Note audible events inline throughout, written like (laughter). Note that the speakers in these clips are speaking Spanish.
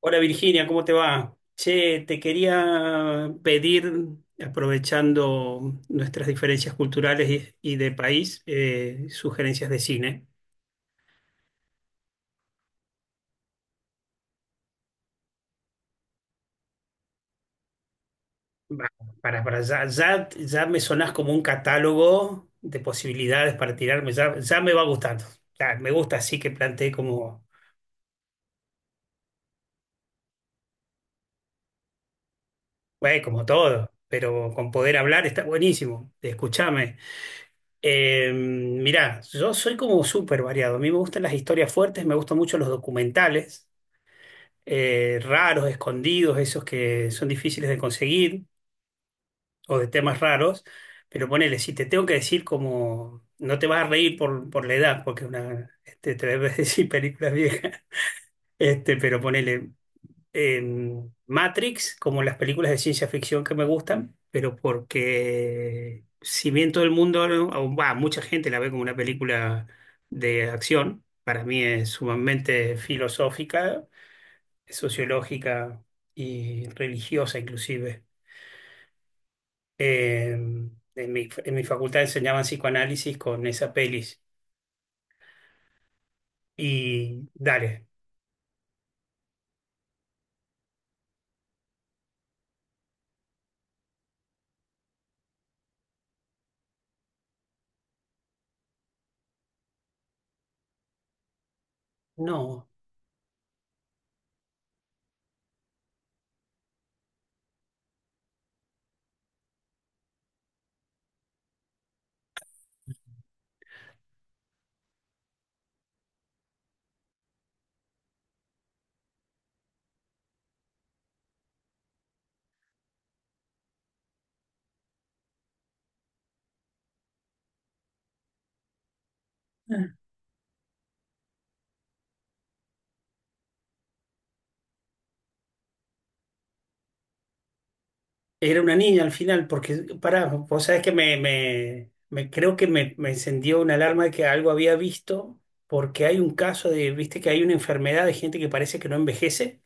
Hola Virginia, ¿cómo te va? Che, te quería pedir, aprovechando nuestras diferencias culturales y de país, sugerencias de cine. Va, para ya, ya, ya me sonás como un catálogo de posibilidades para tirarme, ya, ya me va gustando. Ya, me gusta así que planteé como, bueno, como todo, pero con poder hablar está buenísimo. Escúchame. Mirá, yo soy como súper variado. A mí me gustan las historias fuertes, me gustan mucho los documentales, raros, escondidos, esos que son difíciles de conseguir o de temas raros, pero ponele, si te tengo que decir como, no te vas a reír por la edad, porque es una, te debes (laughs) decir películas viejas, pero ponele en Matrix, como las películas de ciencia ficción que me gustan, pero porque si bien todo el mundo, mucha gente la ve como una película de acción, para mí es sumamente filosófica, sociológica y religiosa inclusive. Eh, en mi facultad enseñaban psicoanálisis con esa pelis. Y dale, no. Ah, era una niña al final, porque, pará, vos sabés que creo que me encendió una alarma de que algo había visto, porque hay un caso de, viste que hay una enfermedad de gente que parece que no envejece.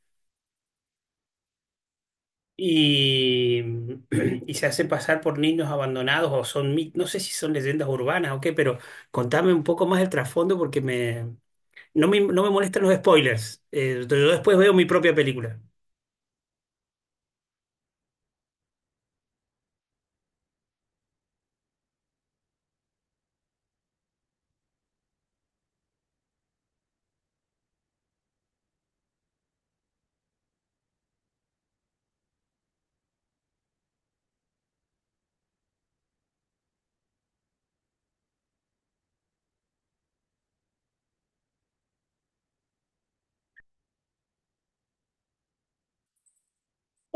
Y, (clears throat) y se hacen pasar por niños abandonados o son, no sé si son leyendas urbanas o qué, pero contame un poco más el trasfondo porque no me molestan los spoilers. Yo después veo mi propia película.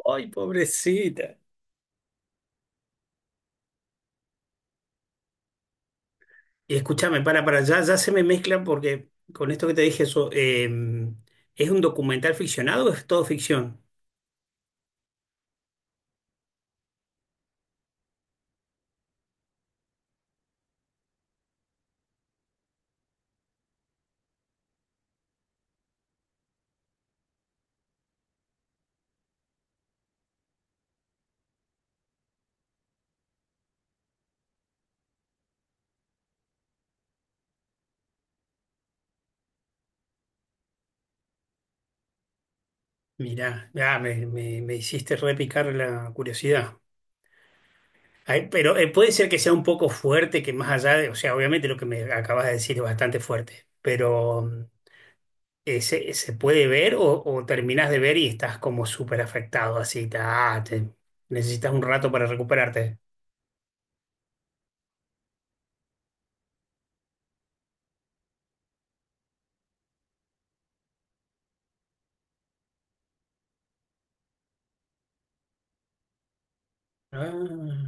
Ay, pobrecita. Y escúchame, para, ya, ya se me mezcla porque con esto que te dije, eso, ¿es un documental ficcionado o es todo ficción? Mirá, ya me hiciste repicar la curiosidad. Ay, pero puede ser que sea un poco fuerte, que más allá de, o sea, obviamente lo que me acabas de decir es bastante fuerte, pero ¿se puede ver o terminas de ver y estás como súper afectado, así, necesitas un rato para recuperarte? Ah,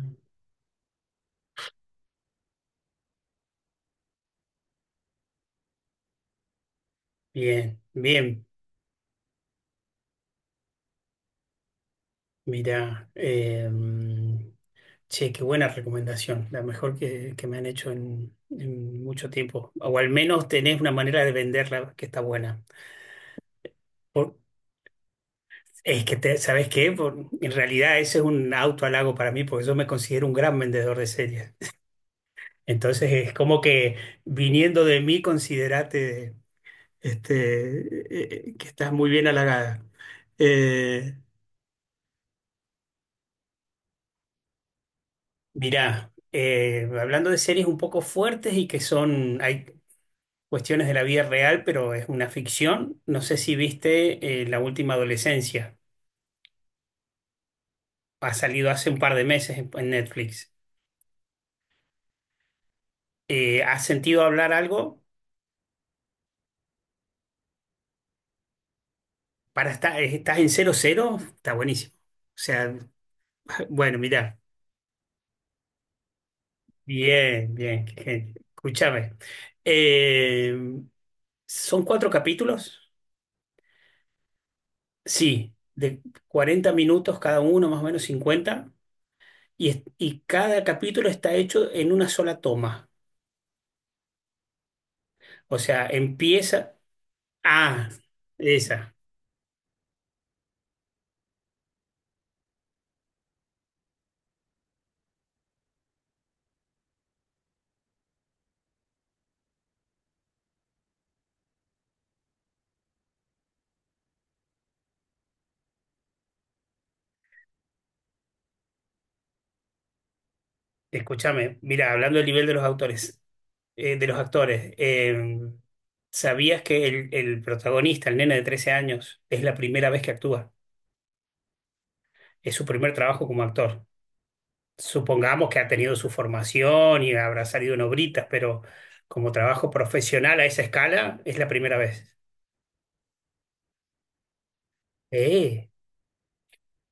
bien, bien, mira, che, qué buena recomendación, la mejor que me han hecho en mucho tiempo, o al menos tenés una manera de venderla que está buena. Es que, ¿sabes qué? En realidad ese es un auto halago para mí porque yo me considero un gran vendedor de series. Entonces es como que viniendo de mí, considerate, que estás muy bien halagada. Eh, mirá, hablando de series un poco fuertes y que son, hay cuestiones de la vida real, pero es una ficción. No sé si viste, La Última Adolescencia. Ha salido hace un par de meses en Netflix. ¿Has sentido hablar algo? Estás en cero cero está buenísimo. O sea, bueno, mirá, bien, bien, qué genio. Escúchame. Eh, ¿Son cuatro capítulos? Sí, de 40 minutos cada uno, más o menos 50. Y cada capítulo está hecho en una sola toma. O sea, empieza. Ah, esa. Escúchame, mira, hablando del nivel de los autores, de los actores. ¿Sabías que el protagonista, el nene de 13 años, es la primera vez que actúa? Es su primer trabajo como actor. Supongamos que ha tenido su formación y habrá salido en obritas, pero como trabajo profesional a esa escala, es la primera vez. Eh,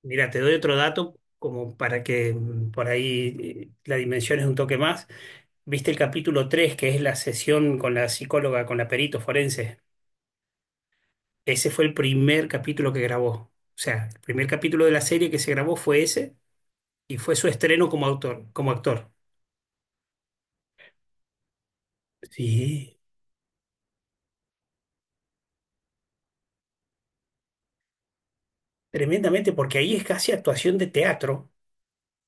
Mira, te doy otro dato como para que, por ahí, la dimensión es un toque más. ¿Viste el capítulo 3 que es la sesión con la psicóloga, con la perito forense? Ese fue el primer capítulo que grabó. O sea, el primer capítulo de la serie que se grabó fue ese y fue su estreno como autor, como actor. Sí, tremendamente, porque ahí es casi actuación de teatro,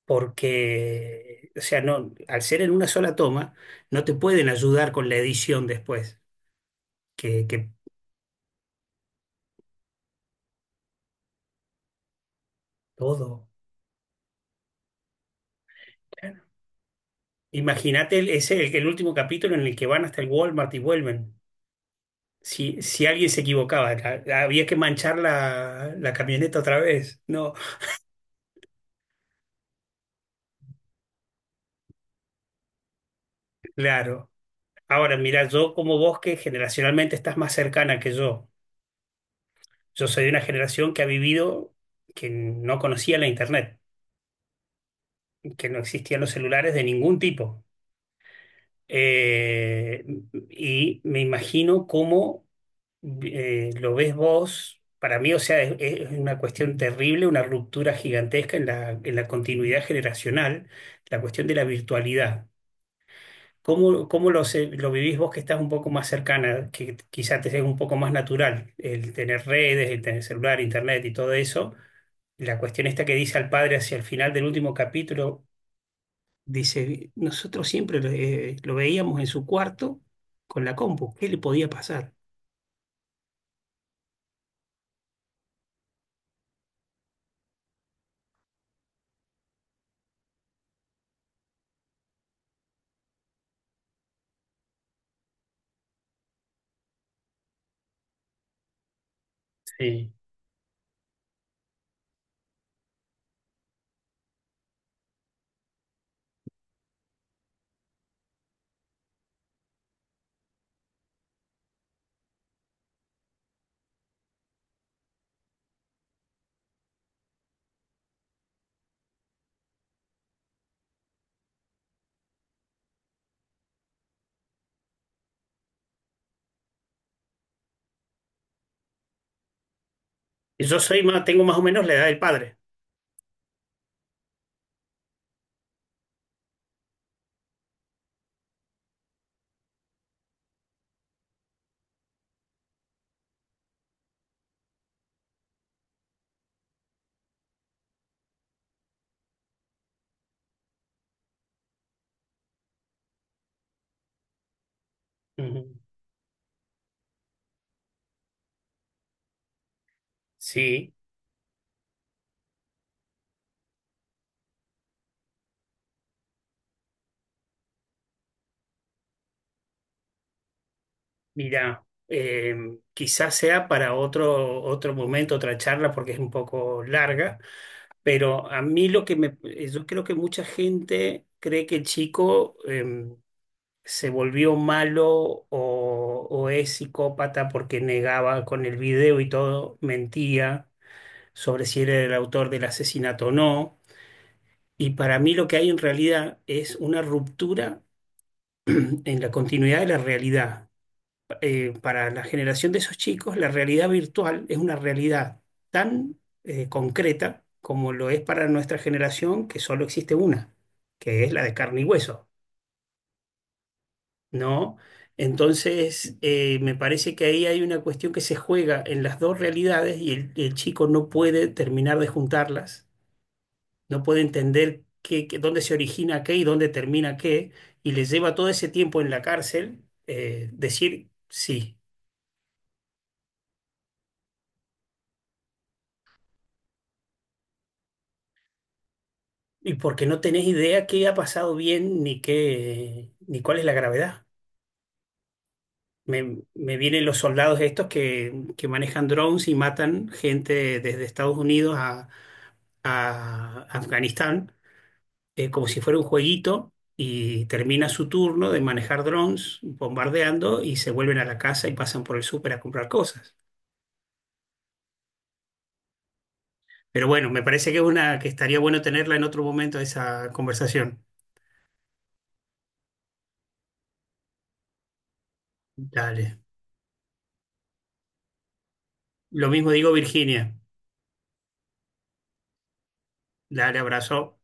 porque, o sea, no, al ser en una sola toma, no te pueden ayudar con la edición después, que todo. Claro. Imagínate, el último capítulo en el que van hasta el Walmart y vuelven. Si alguien se equivocaba, había que manchar la camioneta otra vez. No, claro. Ahora, mira, yo como vos que generacionalmente estás más cercana que yo soy de una generación que ha vivido, que no conocía la internet, que no existían los celulares de ningún tipo. Eh, y me imagino cómo, lo ves vos. Para mí, o sea, es una cuestión terrible, una ruptura gigantesca en la continuidad generacional, la cuestión de la virtualidad. ¿Cómo lo vivís vos que estás un poco más cercana, que quizá te sea un poco más natural el tener redes, el tener celular, internet y todo eso? La cuestión esta que dice al padre hacia el final del último capítulo, dice, nosotros siempre lo veíamos en su cuarto con la compu, ¿qué le podía pasar? Sí. Yo soy más, tengo más o menos la edad del padre. Ujú. Sí, mira, quizás sea para otro momento, otra charla, porque es un poco larga. Pero a mí lo que me, yo creo que mucha gente cree que el chico, se volvió malo o es psicópata porque negaba con el video y todo, mentía sobre si era el autor del asesinato o no. Y para mí lo que hay en realidad es una ruptura en la continuidad de la realidad. Para la generación de esos chicos, la realidad virtual es una realidad tan, concreta como lo es para nuestra generación, que solo existe una, que es la de carne y hueso, ¿no? Entonces, me parece que ahí hay una cuestión que se juega en las dos realidades y el chico no puede terminar de juntarlas, no puede entender qué, dónde se origina qué y dónde termina qué, y le lleva todo ese tiempo en la cárcel, decir sí. Y porque no tenés idea qué ha pasado bien ni qué, ni cuál es la gravedad. Me vienen los soldados estos que manejan drones y matan gente desde Estados Unidos a Afganistán, como si fuera un jueguito, y termina su turno de manejar drones bombardeando y se vuelven a la casa y pasan por el súper a comprar cosas. Pero bueno, me parece que es una que estaría bueno tenerla en otro momento esa conversación. Dale. Lo mismo digo, Virginia. Dale, abrazo.